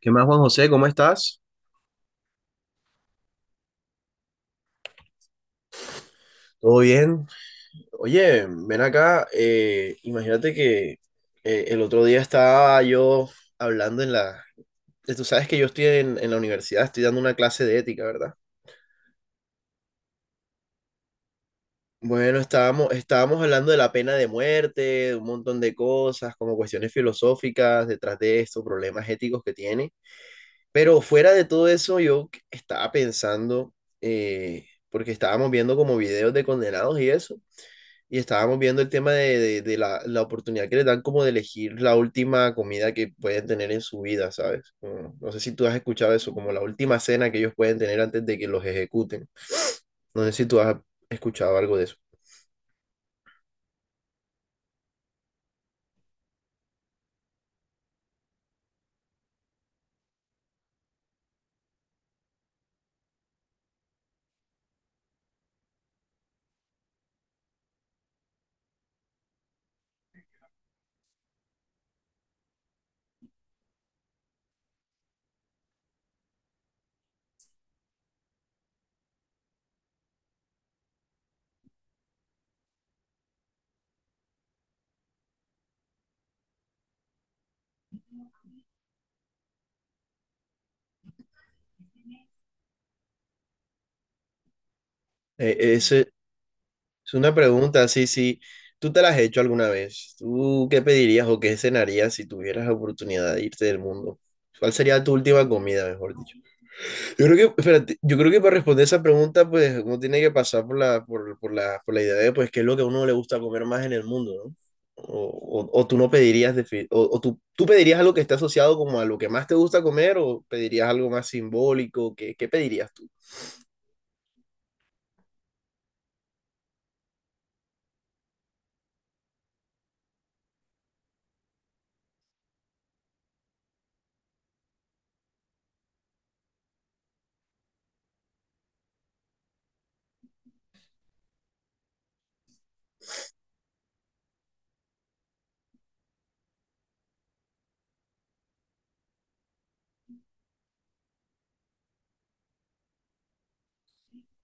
¿Qué más, Juan José? ¿Cómo estás? ¿Todo bien? Oye, ven acá. Imagínate que el otro día estaba yo hablando en la... Tú sabes que yo estoy en la universidad, estoy dando una clase de ética, ¿verdad? Bueno, estábamos hablando de la pena de muerte, de un montón de cosas, como cuestiones filosóficas detrás de esto, problemas éticos que tiene. Pero fuera de todo eso, yo estaba pensando, porque estábamos viendo como videos de condenados y eso. Y estábamos viendo el tema de la oportunidad que les dan como de elegir la última comida que pueden tener en su vida, ¿sabes? No sé si tú has escuchado eso, como la última cena que ellos pueden tener antes de que los ejecuten. No sé si tú has escuchado algo de eso. Eh, eh, ese- es una pregunta, sí, sí. ¿Tú te la has hecho alguna vez? ¿Tú qué pedirías o qué cenarías si tuvieras la oportunidad de irte del mundo? ¿Cuál sería tu última comida, mejor dicho? Yo creo que, espérate, yo creo que para responder esa pregunta, pues uno tiene que pasar por por la idea de, pues, qué es lo que a uno le gusta comer más en el mundo, ¿no? O tú no pedirías, o tú pedirías algo que esté asociado como a lo que más te gusta comer, o pedirías algo más simbólico, ¿qué, qué pedirías tú?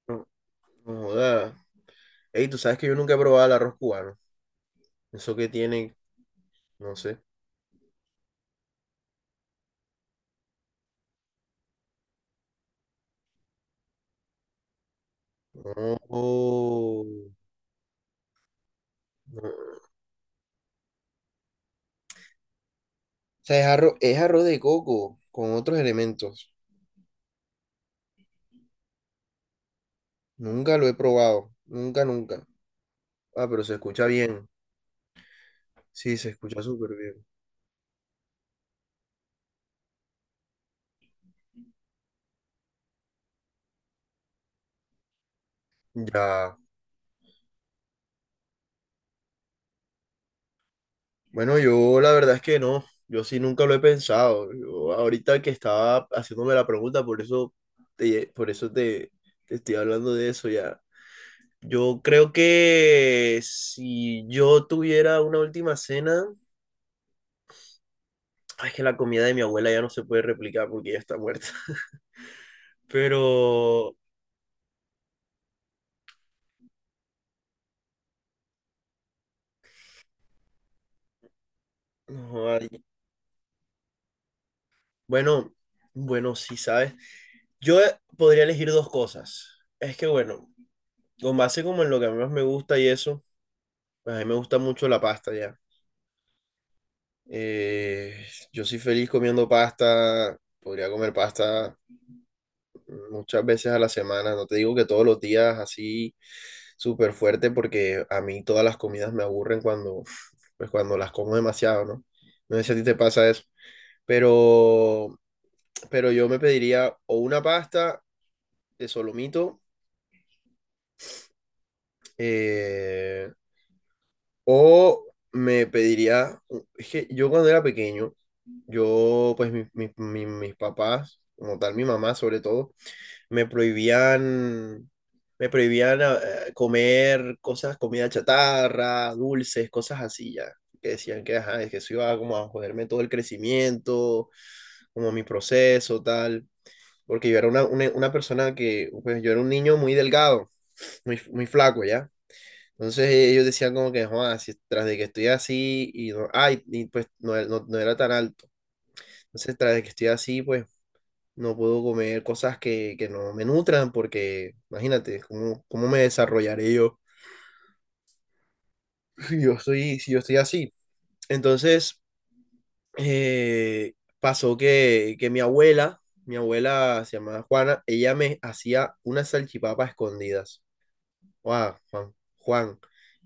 No, no joda. Ey, tú sabes que yo nunca he probado el arroz cubano. Eso que tiene, no sé. No, oh, no. O sea, es arroz de coco con otros elementos. Nunca lo he probado. Nunca, nunca. Ah, pero se escucha bien. Sí, se escucha súper bien. Ya. Bueno, yo la verdad es que no. Yo sí nunca lo he pensado. Yo ahorita que estaba haciéndome la pregunta, por eso te, por eso te, te estoy hablando de eso ya. Yo creo que si yo tuviera una última cena, ay, es que la comida de mi abuela ya no se puede replicar porque ya está muerta. Pero, no, ay, bueno, bueno, sí, ¿sabes? Yo podría elegir dos cosas. Es que bueno, con base como en lo que a mí más me gusta y eso, pues a mí me gusta mucho la pasta ya. Eh, yo soy feliz comiendo pasta, podría comer pasta muchas veces a la semana, no te digo que todos los días así súper fuerte porque a mí todas las comidas me aburren cuando, pues cuando las como demasiado, ¿no? No sé si a ti te pasa eso, pero, pero yo me pediría o una pasta de solomito, eh, o me pediría, es que yo cuando era pequeño, yo, pues mis papás, como tal mi mamá sobre todo, me prohibían, me prohibían comer cosas, comida chatarra, dulces, cosas así ya. Que decían que, ajá, es que eso iba como a joderme todo el crecimiento, como mi proceso, tal. Porque yo era una persona que, pues yo era un niño muy delgado, muy, muy flaco, ¿ya? Entonces ellos decían como que, Juan, si tras de que estoy así y no, ay, y pues no, no era tan alto. Entonces tras de que estoy así, pues no puedo comer cosas que no me nutran porque imagínate, ¿cómo, cómo me desarrollaré yo si yo soy, si yo estoy así? Entonces eh, pasó que mi abuela se llamaba Juana, ella me hacía unas salchipapas escondidas. Guau, Juan, Juan,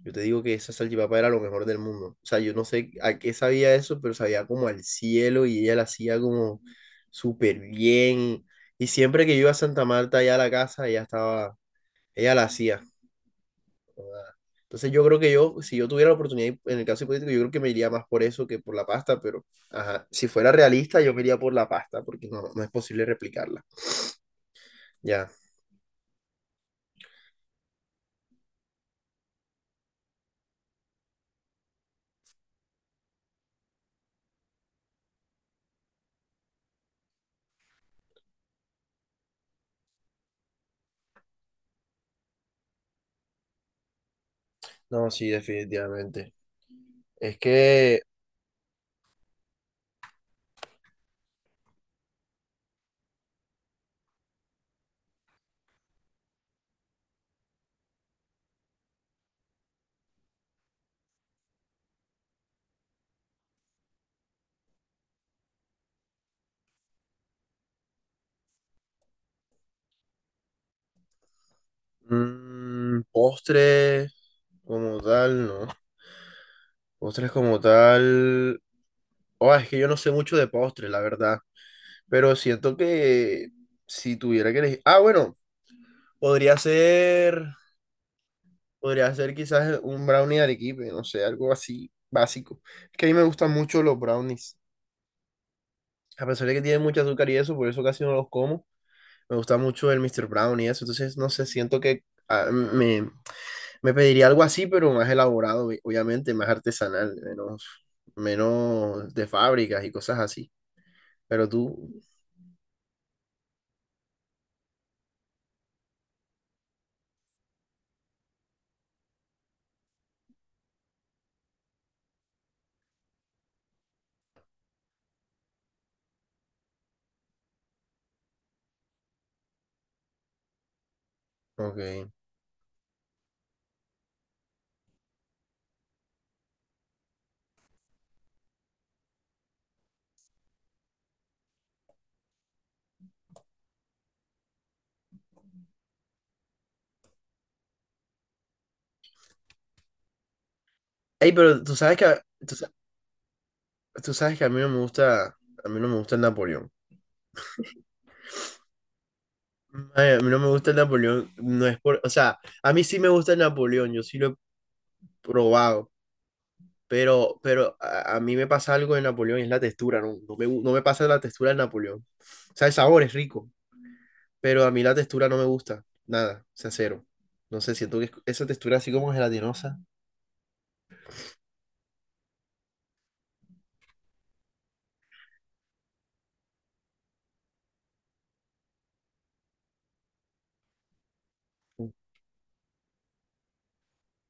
yo te digo que esa salchipapa era lo mejor del mundo. O sea, yo no sé a qué sabía eso, pero sabía como al cielo y ella la hacía como súper bien. Y siempre que yo iba a Santa Marta, allá a la casa, ella estaba, ella la hacía. Joda. Entonces yo creo que yo, si yo tuviera la oportunidad, en el caso hipotético, yo creo que me iría más por eso que por la pasta, pero ajá, si fuera realista, yo me iría por la pasta, porque no, no es posible replicarla. Ya, no, sí, definitivamente. Es que... mm, postres. Como tal, no. Postres como tal. Oh, es que yo no sé mucho de postres, la verdad. Pero siento que si tuviera que elegir. Ah, bueno, podría ser. Podría ser quizás un brownie de arequipe, no sé, algo así básico. Es que a mí me gustan mucho los brownies. A pesar de que tienen mucho azúcar y eso, por eso casi no los como. Me gusta mucho el Mr. Brownie y eso. Entonces, no sé, siento que ah, me pediría algo así, pero más elaborado, obviamente, más artesanal, menos, menos de fábricas y cosas así. Pero tú, ok. Ey, pero tú sabes que, tú sabes que a mí no me gusta, a mí no me gusta el Napoleón. Ay, a mí no me gusta el Napoleón, no es por, o sea, a mí sí me gusta el Napoleón, yo sí lo he probado, pero a mí me pasa algo de Napoleón, y es la textura, no, no me, no me pasa la textura del Napoleón. O sea, el sabor es rico, pero a mí la textura no me gusta, nada, o sea, cero. No sé, siento que esa textura así como gelatinosa.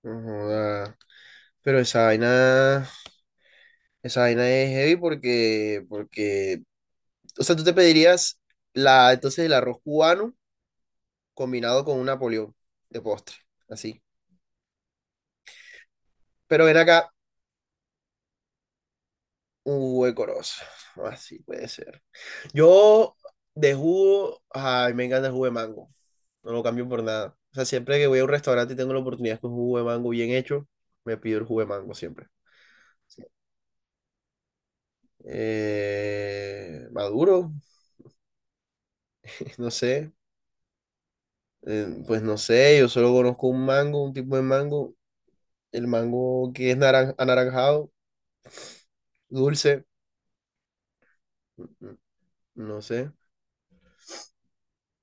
No joda. Pero esa vaina es heavy porque, porque, o sea, tú te pedirías la, entonces el arroz cubano combinado con un napoleón de postre, así. Pero ven acá, un huecoroso. Así puede ser. Yo de jugo, ay, me encanta el jugo de mango. No lo cambio por nada. O sea, siempre que voy a un restaurante y tengo la oportunidad con un jugo de mango bien hecho, me pido el jugo de mango siempre. Sí. Maduro, no sé. Pues no sé, yo solo conozco un mango, un tipo de mango. El mango que es anaranjado, dulce. n- n- No sé.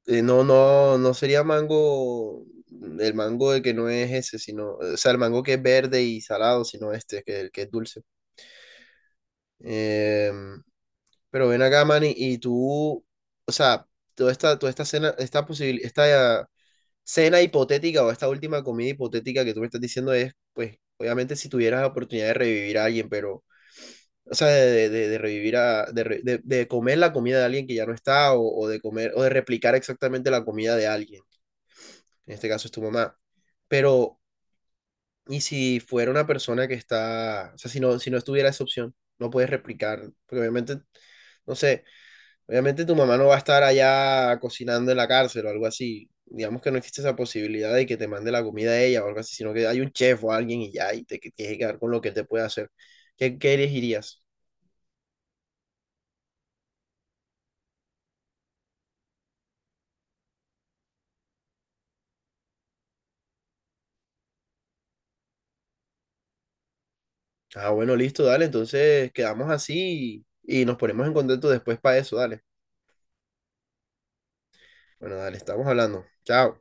No, no, no sería mango, mm, el mango de que no es ese, sino, o sea, el mango que es verde y salado, sino este, que, el que es dulce. Em, pero ven acá, Manny, y tú, o sea, toda esta cena, esta cena hipotética o esta última comida hipotética que tú me estás diciendo es, pues, obviamente si tuvieras la oportunidad de revivir a alguien, pero, o sea, de revivir de comer la comida de alguien que ya no está o de comer, o de replicar exactamente la comida de alguien. En este caso es tu mamá. Pero, ¿y si fuera una persona que está, o sea, si no, si no estuviera esa opción, no puedes replicar, porque obviamente, no sé, obviamente tu mamá no va a estar allá cocinando en la cárcel o algo así. Digamos que no existe esa posibilidad de que te mande la comida a ella o algo así, sino que hay un chef o alguien y ya, y te tienes que quedar con lo que te puede hacer. ¿Qué, qué elegirías? Ah, bueno, listo, dale, entonces quedamos así y nos ponemos en contacto después para eso, dale. Bueno, dale, estamos hablando. Chao.